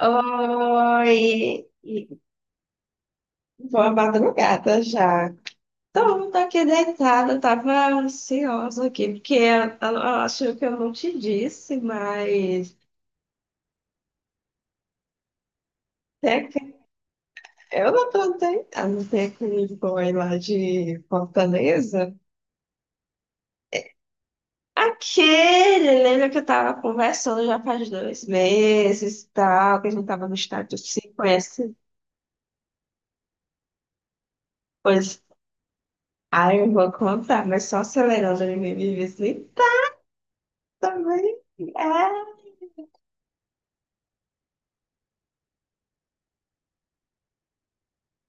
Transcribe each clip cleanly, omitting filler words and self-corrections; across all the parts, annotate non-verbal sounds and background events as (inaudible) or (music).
Oi, e boa madrugada já. Tô, tô aqui deitada, tava ansiosa aqui, porque eu acho que eu não te disse, mas tem que- eu não tô deitando, tem aquele boy lá de Fortaleza. Aquele, lembra que eu tava conversando já faz dois meses e tal, que a gente tava no estádio 5, esse, pois, aí eu vou contar, mas só acelerando, ele me visita também. É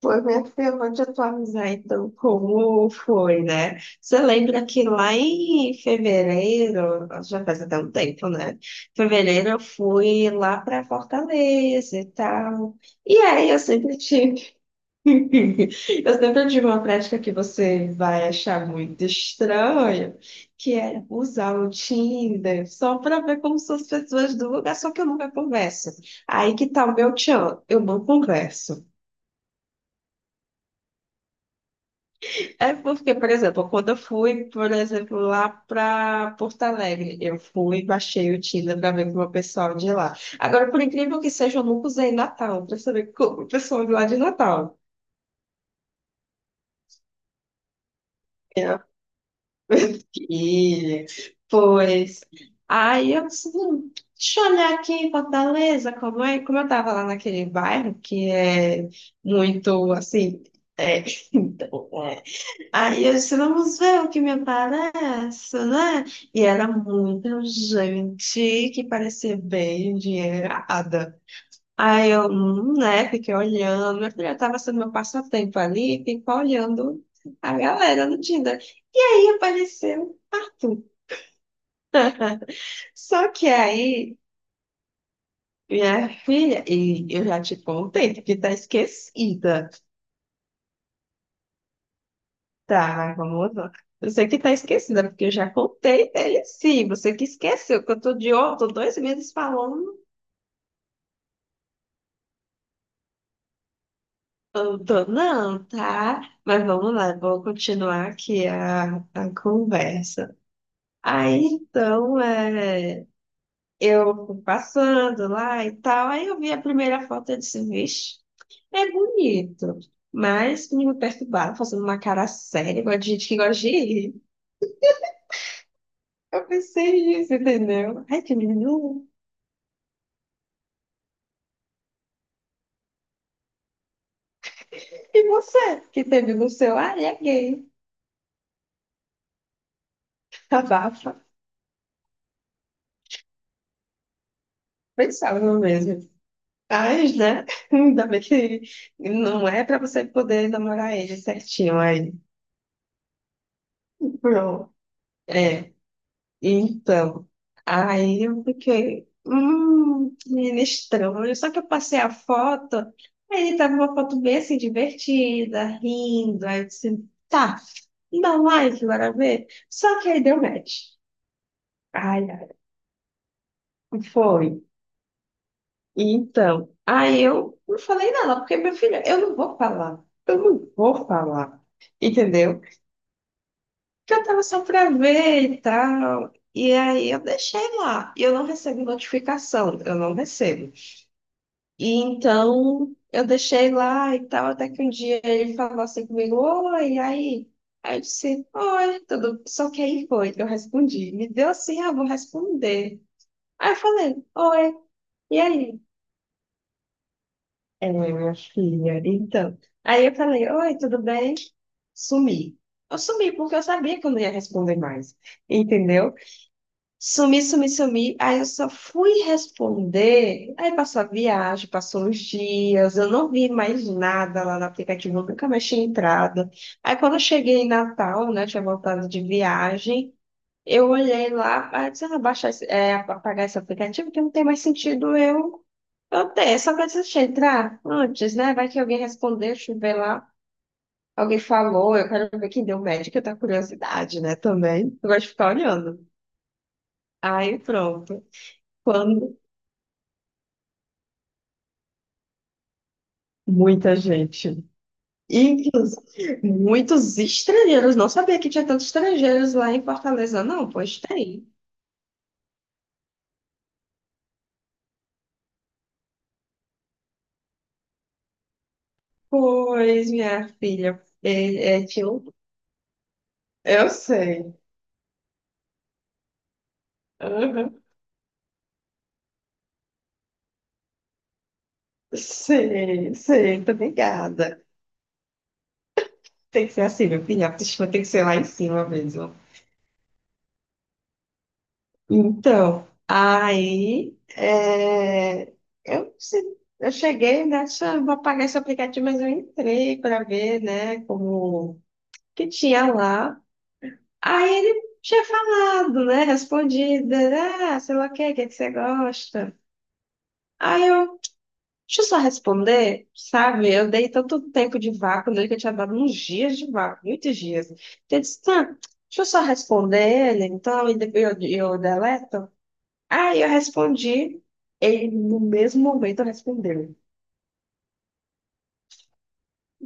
foi, minha filha, vou te atualizar então como foi, né? Você lembra que lá em fevereiro, já faz até um tempo, né? Fevereiro eu fui lá para Fortaleza e tal. E aí eu sempre tive, (laughs) eu sempre tive uma prática que você vai achar muito estranha, que é usar o Tinder só para ver como são as pessoas do lugar, só que eu nunca converso. Aí que tá o meu tchan, eu não converso. É porque, por exemplo, quando eu fui, por exemplo, lá para Porto Alegre, eu fui e baixei o Tinder para ver com o pessoal de lá. Agora, por incrível que seja, eu nunca usei Natal para saber como o pessoal de lá de Natal. É. (laughs) E, pois, aí eu disse, deixa eu olhar aqui em Fortaleza, como é? Como eu estava lá naquele bairro que é muito, assim, é". (laughs) Aí eu disse, vamos ver o que me aparece, né? E era muita gente que parecia bem endinheirada. Aí eu, né, fiquei olhando, eu já estava sendo meu passatempo ali, ficar olhando a galera no Tinder. E aí apareceu Arthur. Só que aí, minha filha, e eu já te contei, porque tá esquecida. Tá, mas vamos lá. Você que tá esquecida, porque eu já contei ele sim. Você que esqueceu, que eu tô de ó, tô dois meses falando. Eu tô, não, tá? Mas vamos lá, vou continuar aqui a conversa. Aí então, é, eu fui passando lá e tal. Aí eu vi a primeira foto e disse, vixe, é bonito. Mas me perturbaram, fazendo uma cara séria, igual de gente que gosta de rir. Eu pensei nisso, entendeu? Ai, que menino. E você, que teve no seu, ah, ele é gay, abafa. Pensava no mesmo. Mas, né? (laughs) Ainda bem que não é pra você poder namorar ele certinho aí. Pronto. É. Então, aí eu fiquei, menino estranho. Só que eu passei a foto, aí ele tava uma foto bem assim, divertida, rindo. Aí eu disse, tá, dá um like, bora ver. Só que aí deu match. Ai, ai, foi. Então, aí eu não falei nada, porque, meu filho, eu não vou falar, eu não vou falar, entendeu? Porque eu tava só pra ver e tal, e aí eu deixei lá, e eu não recebo notificação, eu não recebo. E então, eu deixei lá e tal, até que um dia ele falou assim comigo, oi, e aí? Aí eu disse, oi, tudo, só que aí foi, eu respondi, me deu assim, ah, vou responder. Aí eu falei, oi, e aí? É, minha filha. Então, aí eu falei, oi, tudo bem? Sumi. Eu sumi porque eu sabia que eu não ia responder mais, entendeu? Sumi. Aí eu só fui responder. Aí passou a viagem, passou uns dias, eu não vi mais nada lá no aplicativo, eu nunca mais tinha entrado. Aí quando eu cheguei em Natal, né, tinha voltado de viagem, eu olhei lá, ah, disse, ah, baixar, é, apagar esse aplicativo, porque não tem mais sentido eu tenho, só que eu entrar antes, né? Vai que alguém respondeu, deixa eu ver lá. Alguém falou, eu quero ver quem deu médico, eu tenho curiosidade, né? Também. Eu gosto de ficar olhando. Aí pronto. Quando muita gente. Inclusive, muitos estrangeiros. Não sabia que tinha tantos estrangeiros lá em Fortaleza, não. Pois tem. Pois, minha filha, é, tinha um- eu sei. Aham. Sei, sei, muito obrigada. Tem que ser assim, meu filho, a autoestima tem que ser lá em cima mesmo. Então, aí é, eu, eu cheguei nessa, vou apagar esse aplicativo, mas eu entrei para ver, né, como que tinha lá. Aí ele tinha falado, né, respondido, né, ah, sei lá o que é que você gosta? Aí eu, deixa eu só responder, sabe? Eu dei tanto tempo de vácuo nele que eu tinha dado uns dias de vácuo, muitos dias. Então, eu disse, tá, deixa eu só responder ele, então, e depois eu deleto. Aí eu respondi, ele no mesmo momento respondeu.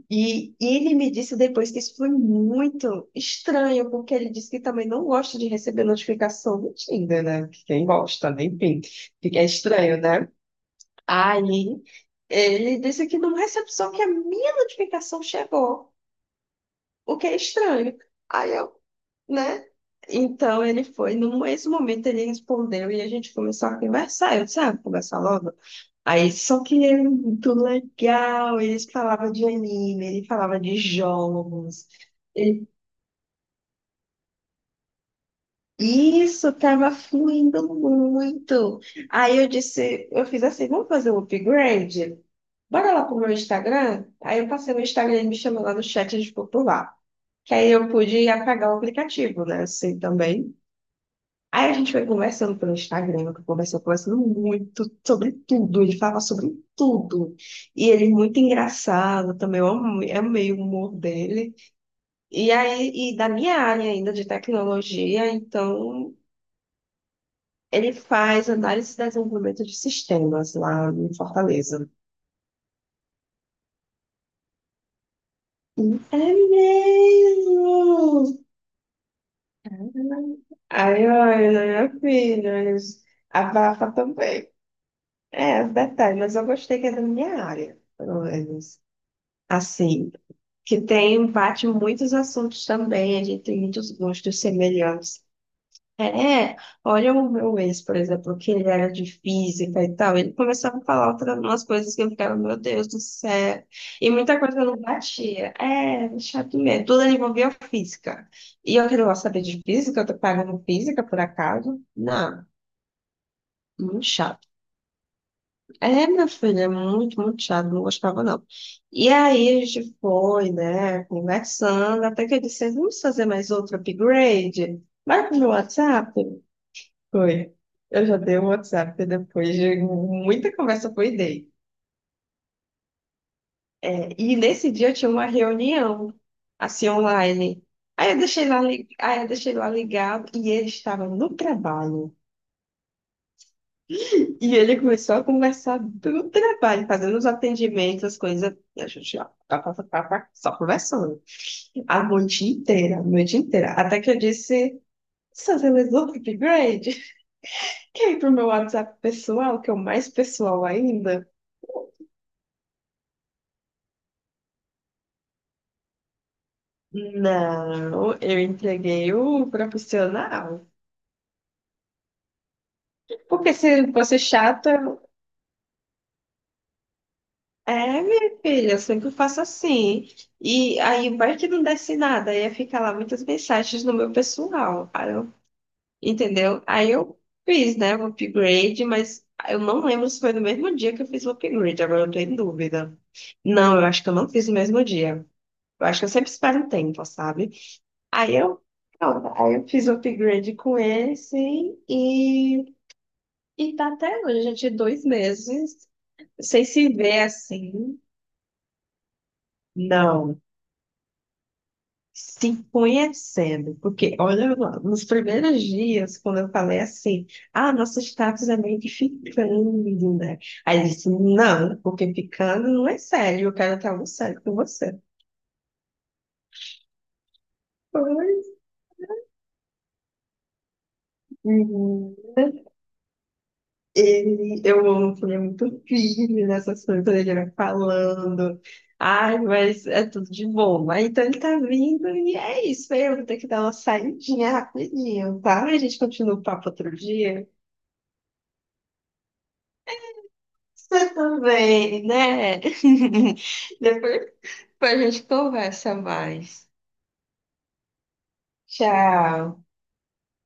E ele me disse depois que isso foi muito estranho, porque ele disse que também não gosta de receber notificação do Tinder, né? Que quem gosta, né? Enfim, fica estranho, né? Aí ele disse que não recebe só que a minha notificação chegou, o que é estranho. Aí eu, né? Então ele foi, no mesmo momento ele respondeu e a gente começou a conversar. Eu disse, ah, vou conversar logo. Aí, só que era muito legal, eles falavam de anime, ele falava de jogos. Ele- Isso estava fluindo muito. Aí eu disse, eu fiz assim, vamos fazer um upgrade? Bora lá pro meu Instagram? Aí eu passei no Instagram e ele me chamou lá no chat de popular. Que aí eu pude apagar o aplicativo, né? Assim também. Aí a gente foi conversando pelo Instagram, eu conversou conversando muito sobre tudo, ele fala sobre tudo. E ele é muito engraçado também, eu amei o humor dele. E aí, e da minha área ainda de tecnologia, então ele faz análise e desenvolvimento de sistemas lá em Fortaleza. É mesmo! Aí, olha, minha filha, abafa também. É, detalhe, mas eu gostei que é da minha área, pelo menos. Assim, que tem, bate muitos assuntos também, a gente tem muitos gostos semelhantes. É, olha o meu ex, por exemplo, que ele era de física e tal, ele começava a falar outras umas coisas que eu ficava, meu Deus do céu, e muita coisa não batia. É, chato mesmo, tudo ele envolvia física. E eu que não gosto de saber de física, eu tô pagando física por acaso? Não, muito chato. É, meu filho, é muito, muito chato, não gostava não. E aí a gente foi, né, conversando, até que eu disse, vamos fazer mais outro upgrade? Vai pro meu WhatsApp? Foi. Eu já dei o WhatsApp depois de muita conversa, foi dei. É, e nesse dia eu tinha uma reunião, assim, online. Aí eu deixei lá, aí eu deixei lá ligado e ele estava no trabalho. E ele começou a conversar do trabalho, fazendo os atendimentos, as coisas. E a gente, ó, pá, pá, pá, pá, pá, só conversando. A noite inteira, a noite inteira. Até que eu disse, "Só você resolveu o upgrade? Quer ir pro meu WhatsApp pessoal, que é o mais pessoal ainda? Não, eu entreguei o profissional. Porque se fosse chata, é, minha filha, eu sempre faço assim. E aí vai que não desce nada, aí ia ficar lá muitas mensagens no meu pessoal. Aí eu, entendeu? Aí eu fiz, né, o upgrade, mas eu não lembro se foi no mesmo dia que eu fiz o upgrade, agora eu tô em dúvida. Não, eu acho que eu não fiz no mesmo dia. Eu acho que eu sempre espero um tempo, sabe? Aí eu, pronto, aí eu fiz o upgrade com esse e, e tá até hoje, a gente, dois meses, sem se ver assim. Não. Se conhecendo, porque olha lá, nos primeiros dias, quando eu falei assim, ah, nosso status é meio que ficando, né? Aí ele disse, não, porque ficando não é sério, eu quero estar no sério com você. Pois, menina, ele, eu amo que ele é muito firme nessas coisas, quando ele vai falando, ai, mas é tudo de bom. Aí, então ele tá vindo e é isso, né? Eu vou ter que dar uma saidinha rapidinho, tá? A gente continua o papo outro dia. Você também, né? (laughs) Depois a gente conversa mais. Tchau.